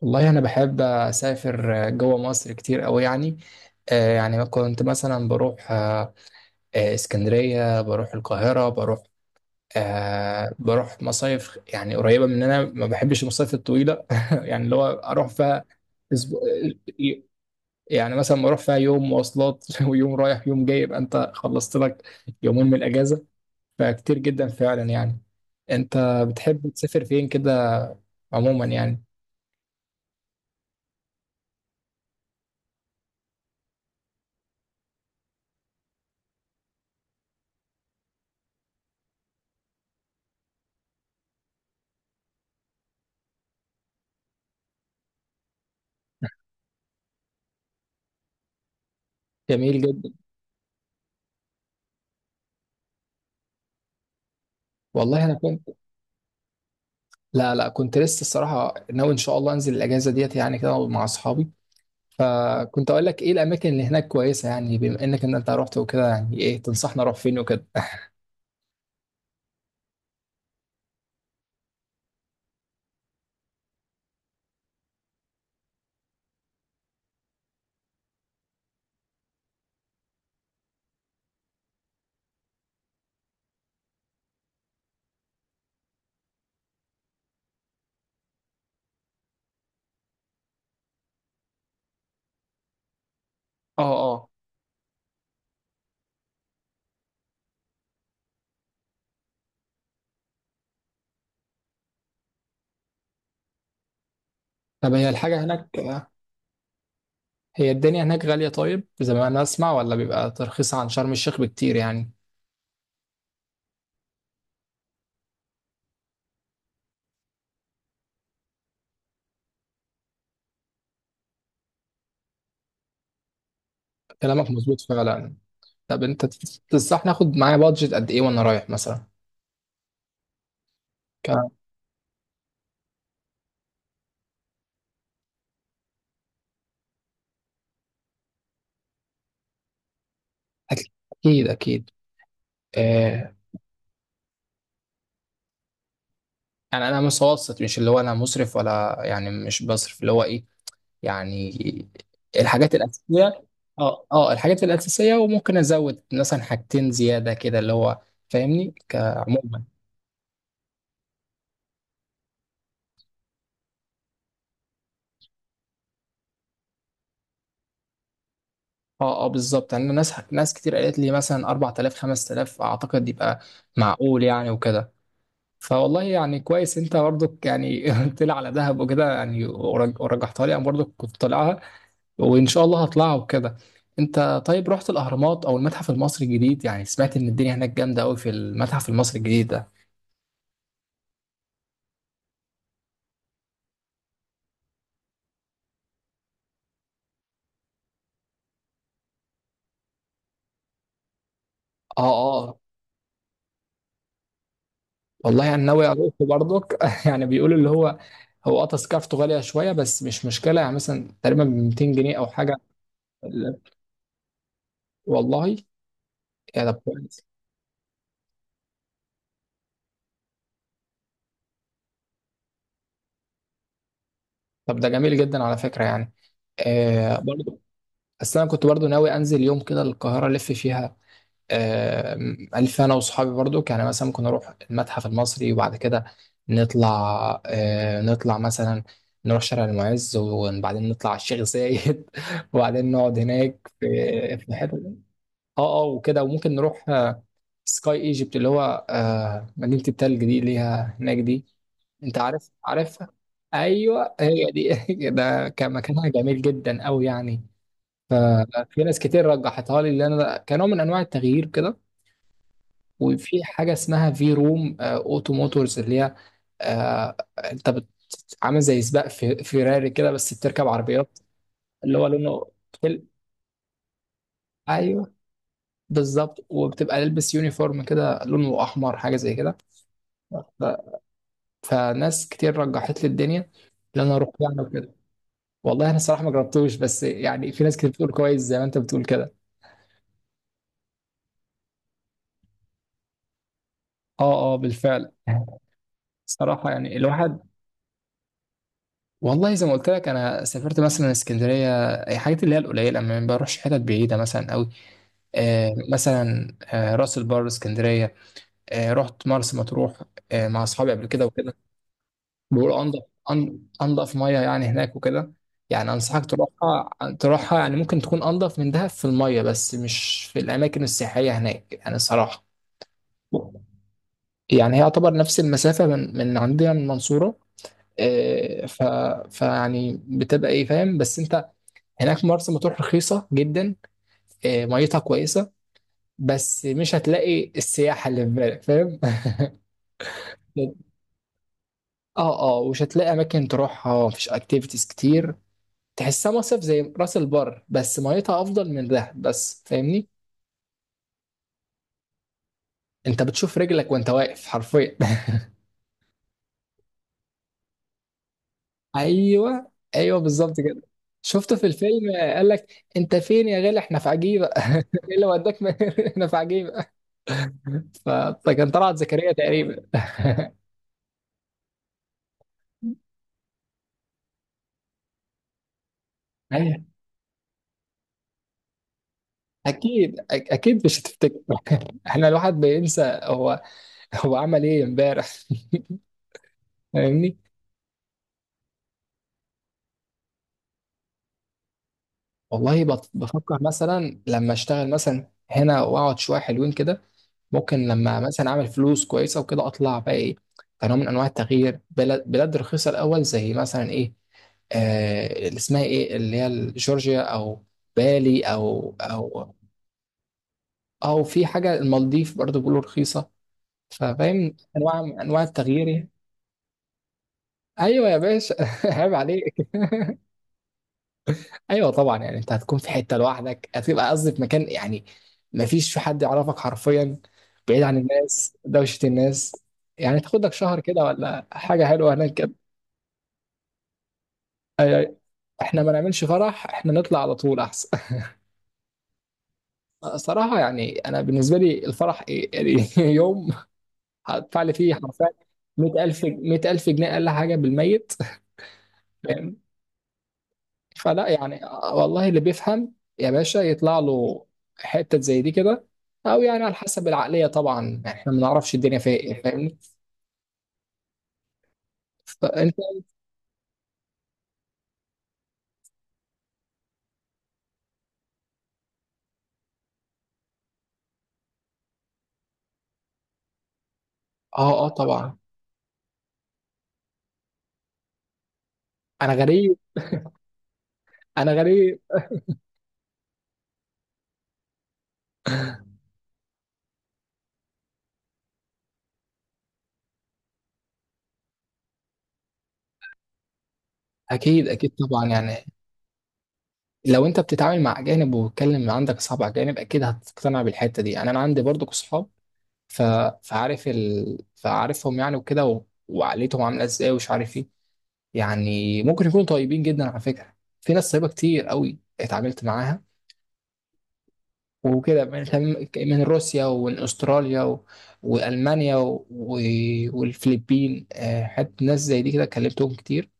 والله أنا بحب أسافر جوه مصر كتير أوي يعني. يعني كنت مثلا بروح اسكندرية، بروح القاهرة، بروح بروح مصايف يعني قريبة مننا، ما بحبش المصايف الطويلة يعني اللي هو أروح فيها أسبوع. يعني مثلا بروح فيها يوم مواصلات ويوم رايح يوم جاي، يبقى أنت خلصت لك يومين من الأجازة. فكتير جدا فعلا يعني. أنت بتحب تسافر فين كده عموما يعني؟ جميل جدا. والله أنا كنت لا لا، كنت لسه الصراحة ناوي إن شاء الله أنزل الأجازة ديت يعني كده مع أصحابي، فكنت أقول لك إيه الأماكن اللي هناك كويسة، يعني بما إنك إن أنت رحت وكده، يعني إيه تنصحنا أروح فين وكده. أه. أه. طب هي الحاجة هناك، هي الدنيا هناك غالية طيب زي ما أنا أسمع، ولا بيبقى ترخيص عن شرم الشيخ بكتير يعني؟ كلامك مظبوط فعلا. طب أنت تنصحني آخد معايا بادجت قد إيه وأنا رايح مثلا؟ ك- أكيد أكيد. آه. يعني أنا متوسط، مش اللي هو أنا مسرف ولا، يعني مش بصرف اللي هو إيه، يعني الحاجات الأساسية. اه اه، الحاجات الأساسية، وممكن أزود مثلا حاجتين زيادة كده اللي هو فاهمني كعموما. اه اه بالظبط. يعني ناس ناس كتير قالت لي مثلا 4000 5000، أعتقد يبقى معقول يعني وكده. فوالله يعني كويس انت برضك يعني قلت لي على دهب وكده، يعني ورجحتها لي، انا برضك كنت طالعها، وان شاء الله هطلعها وكده. انت طيب رحت الاهرامات او المتحف المصري الجديد؟ يعني سمعت ان الدنيا هناك جامده قوي في المتحف المصري الجديد ده. اه. آه، والله انا ناوي اروح برضك يعني بيقولوا اللي هو هو اه تذكرته غاليه شويه، بس مش مشكله، يعني مثلا تقريبا ب 200 جنيه او حاجه. ال- والله، يا ده كويس. طب ده جميل جدا على فكره يعني. آه برضو. بس انا كنت برضو ناوي انزل يوم كده القاهره الف فيها. آه. الف انا واصحابي برضو، يعني مثلا ممكن نروح المتحف المصري وبعد كده نطلع، آه نطلع مثلا نروح شارع المعز، وبعدين نطلع على الشيخ زايد وبعدين نقعد هناك في في حته. اه اه وكده. وممكن نروح سكاي ايجيبت اللي هو، مدينة التلج دي اللي هي هناك دي، انت عارف عارفها. ايوه هي دي ده كان مكانها جميل جدا قوي يعني. ففي ناس كتير رجحتها لي اللي انا كنوع من انواع التغيير كده. وفي حاجة اسمها في روم اوتو موتورز اللي هي، آه، انت عامل زي سباق في فيراري كده، بس بتركب عربيات اللي هو لونه ايوه بالظبط، وبتبقى لابس يونيفورم كده لونه احمر حاجه زي كده. ف- فناس كتير رجحت لي الدنيا ان انا اروح يعني وكده. والله انا صراحه ما جربتوش، بس يعني في ناس كتير بتقول كويس زي ما انت بتقول كده. اه اه بالفعل. صراحه يعني الواحد والله زي ما قلت لك، انا سافرت مثلا اسكندريه، أي حاجات اللي هي القليله، ما بروحش حتت بعيده مثلا قوي. آه مثلا آه راس البر، اسكندريه، آه رحت مرسى مطروح آه مع اصحابي قبل كده وكده. بيقولوا انضف. أن- انضف ميه يعني هناك وكده، يعني انصحك تروحها تروحها. يعني ممكن تكون انضف من دهب في الميه، بس مش في الاماكن السياحيه هناك يعني الصراحه. يعني هي يعتبر نفس المسافه من عندنا من المنصوره آه، فيعني بتبقى ايه فاهم، بس انت هناك مرسى مطروح رخيصه جدا، آه، ميتها كويسه، بس مش هتلاقي السياحه اللي في بالك فاهم اه اه، ومش هتلاقي اماكن تروحها، مفيش اكتيفيتيز كتير، تحسها مصيف زي راس البر، بس ميتها افضل من دهب بس فاهمني. انت بتشوف رجلك وانت واقف حرفيا ايوه ايوه بالظبط كده، شفته في الفيلم، قال لك انت فين يا غالي؟ احنا في عجيبه ايه اللي وداك احنا في عجيبه. ف- فكان طلعت زكريا تقريبا أيوة. اكيد اكيد مش هتفتكر. احنا الواحد بينسى هو هو عمل ايه امبارح. فاهمني. والله بفكر مثلا لما اشتغل مثلا هنا واقعد شويه حلوين كده، ممكن لما مثلا اعمل فلوس كويسه وكده اطلع بقى ايه، كنوع من انواع التغيير، بلد بلاد رخيصه الاول زي مثلا ايه، آه اللي اسمها ايه، اللي هي جورجيا، او بالي، او او في حاجه المالديف، برضو بيقولوا رخيصه. ففاهم انواع من انواع التغيير يعني. ايوه يا باشا عيب عليك ايوه طبعا، يعني انت هتكون في حته لوحدك، هتبقى قصدي في مكان يعني ما فيش في حد يعرفك حرفيا، بعيد عن الناس دوشه الناس، يعني تاخد لك شهر كده ولا حاجه حلوه هناك كده. أي. أي. احنا ما نعملش فرح، احنا نطلع على طول احسن. صراحه يعني انا بالنسبه لي الفرح إيه؟ يعني يوم هدفع لي فيه حرفيا 100000 جنيه، 100000 جنيه اقل حاجه بالميت فلا يعني، والله اللي بيفهم يا باشا يطلع له حتة زي دي كده، او يعني على حسب العقلية طبعا، يعني احنا ما نعرفش الدنيا فيها ايه فاهمني. فانت اه اه طبعا. انا غريب. انا غريب. اكيد اكيد طبعا، يعني لو انت بتتعامل مع اجانب، وبتكلم عندك اصحاب اجانب، اكيد هتقتنع بالحتة دي، يعني انا عندي برضو اصحاب ف... فعارفهم يعني وكده، وعقليتهم عامله ازاي ومش عارف ايه، يعني ممكن يكونوا طيبين جدا على فكرة، في ناس طيبة كتير قوي اتعاملت معاها وكده، من روسيا، ومن استراليا والمانيا والفلبين، آه، حتى ناس زي دي كده كلمتهم كتير،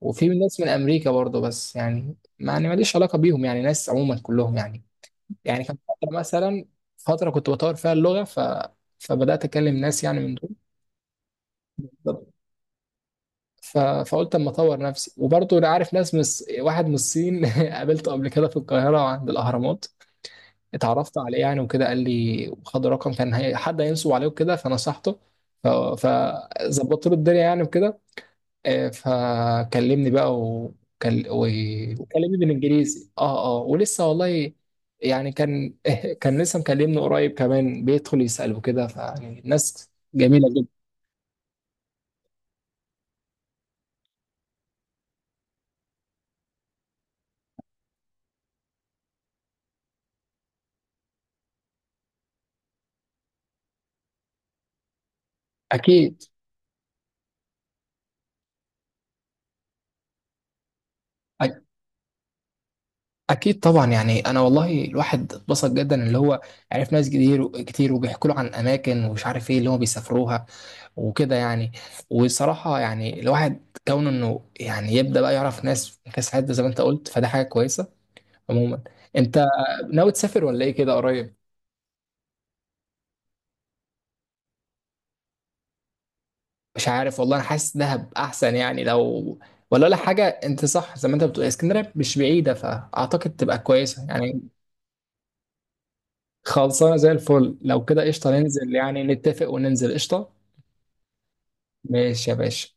وفي من ناس من امريكا برضه، بس يعني ما يعني ماليش علاقه بيهم، يعني ناس عموما كلهم يعني. يعني كان فتره مثلا، فتره كنت بطور فيها اللغه، فبدات اكلم ناس يعني من دول. ف... فقلت اما اطور نفسي، وبرضه انا عارف ناس واحد من الصين قابلته قبل كده في القاهره عند الاهرامات، اتعرفت عليه يعني وكده، قال لي خد رقم، كان هي حد هينصب عليه وكده فنصحته. ف- فظبطت له الدنيا يعني وكده. آه، فكلمني بقى، وكلمني بالانجليزي. اه اه ولسه والله، يعني كان كان لسه مكلمني قريب كمان، بيدخل يسأل وكده، فيعني الناس جميلة جدا. اكيد أك- اكيد طبعا يعني، انا والله الواحد اتبسط جدا اللي هو عرف ناس كتير كتير، وبيحكوا له عن اماكن ومش عارف ايه اللي هم بيسافروها وكده يعني. والصراحة يعني الواحد كونه انه يعني يبدأ بقى يعرف ناس في كاس حد زي ما انت قلت، فده حاجة كويسة عموما. انت ناوي تسافر ولا ايه كده قريب؟ مش عارف والله، انا حاسس دهب احسن يعني لو ولا حاجة، انت صح زي ما انت بتقول اسكندرية مش بعيدة، فاعتقد تبقى كويسة يعني. خلصانة زي الفل، لو كده قشطة ننزل يعني نتفق وننزل قشطة. ماشي يا باشا.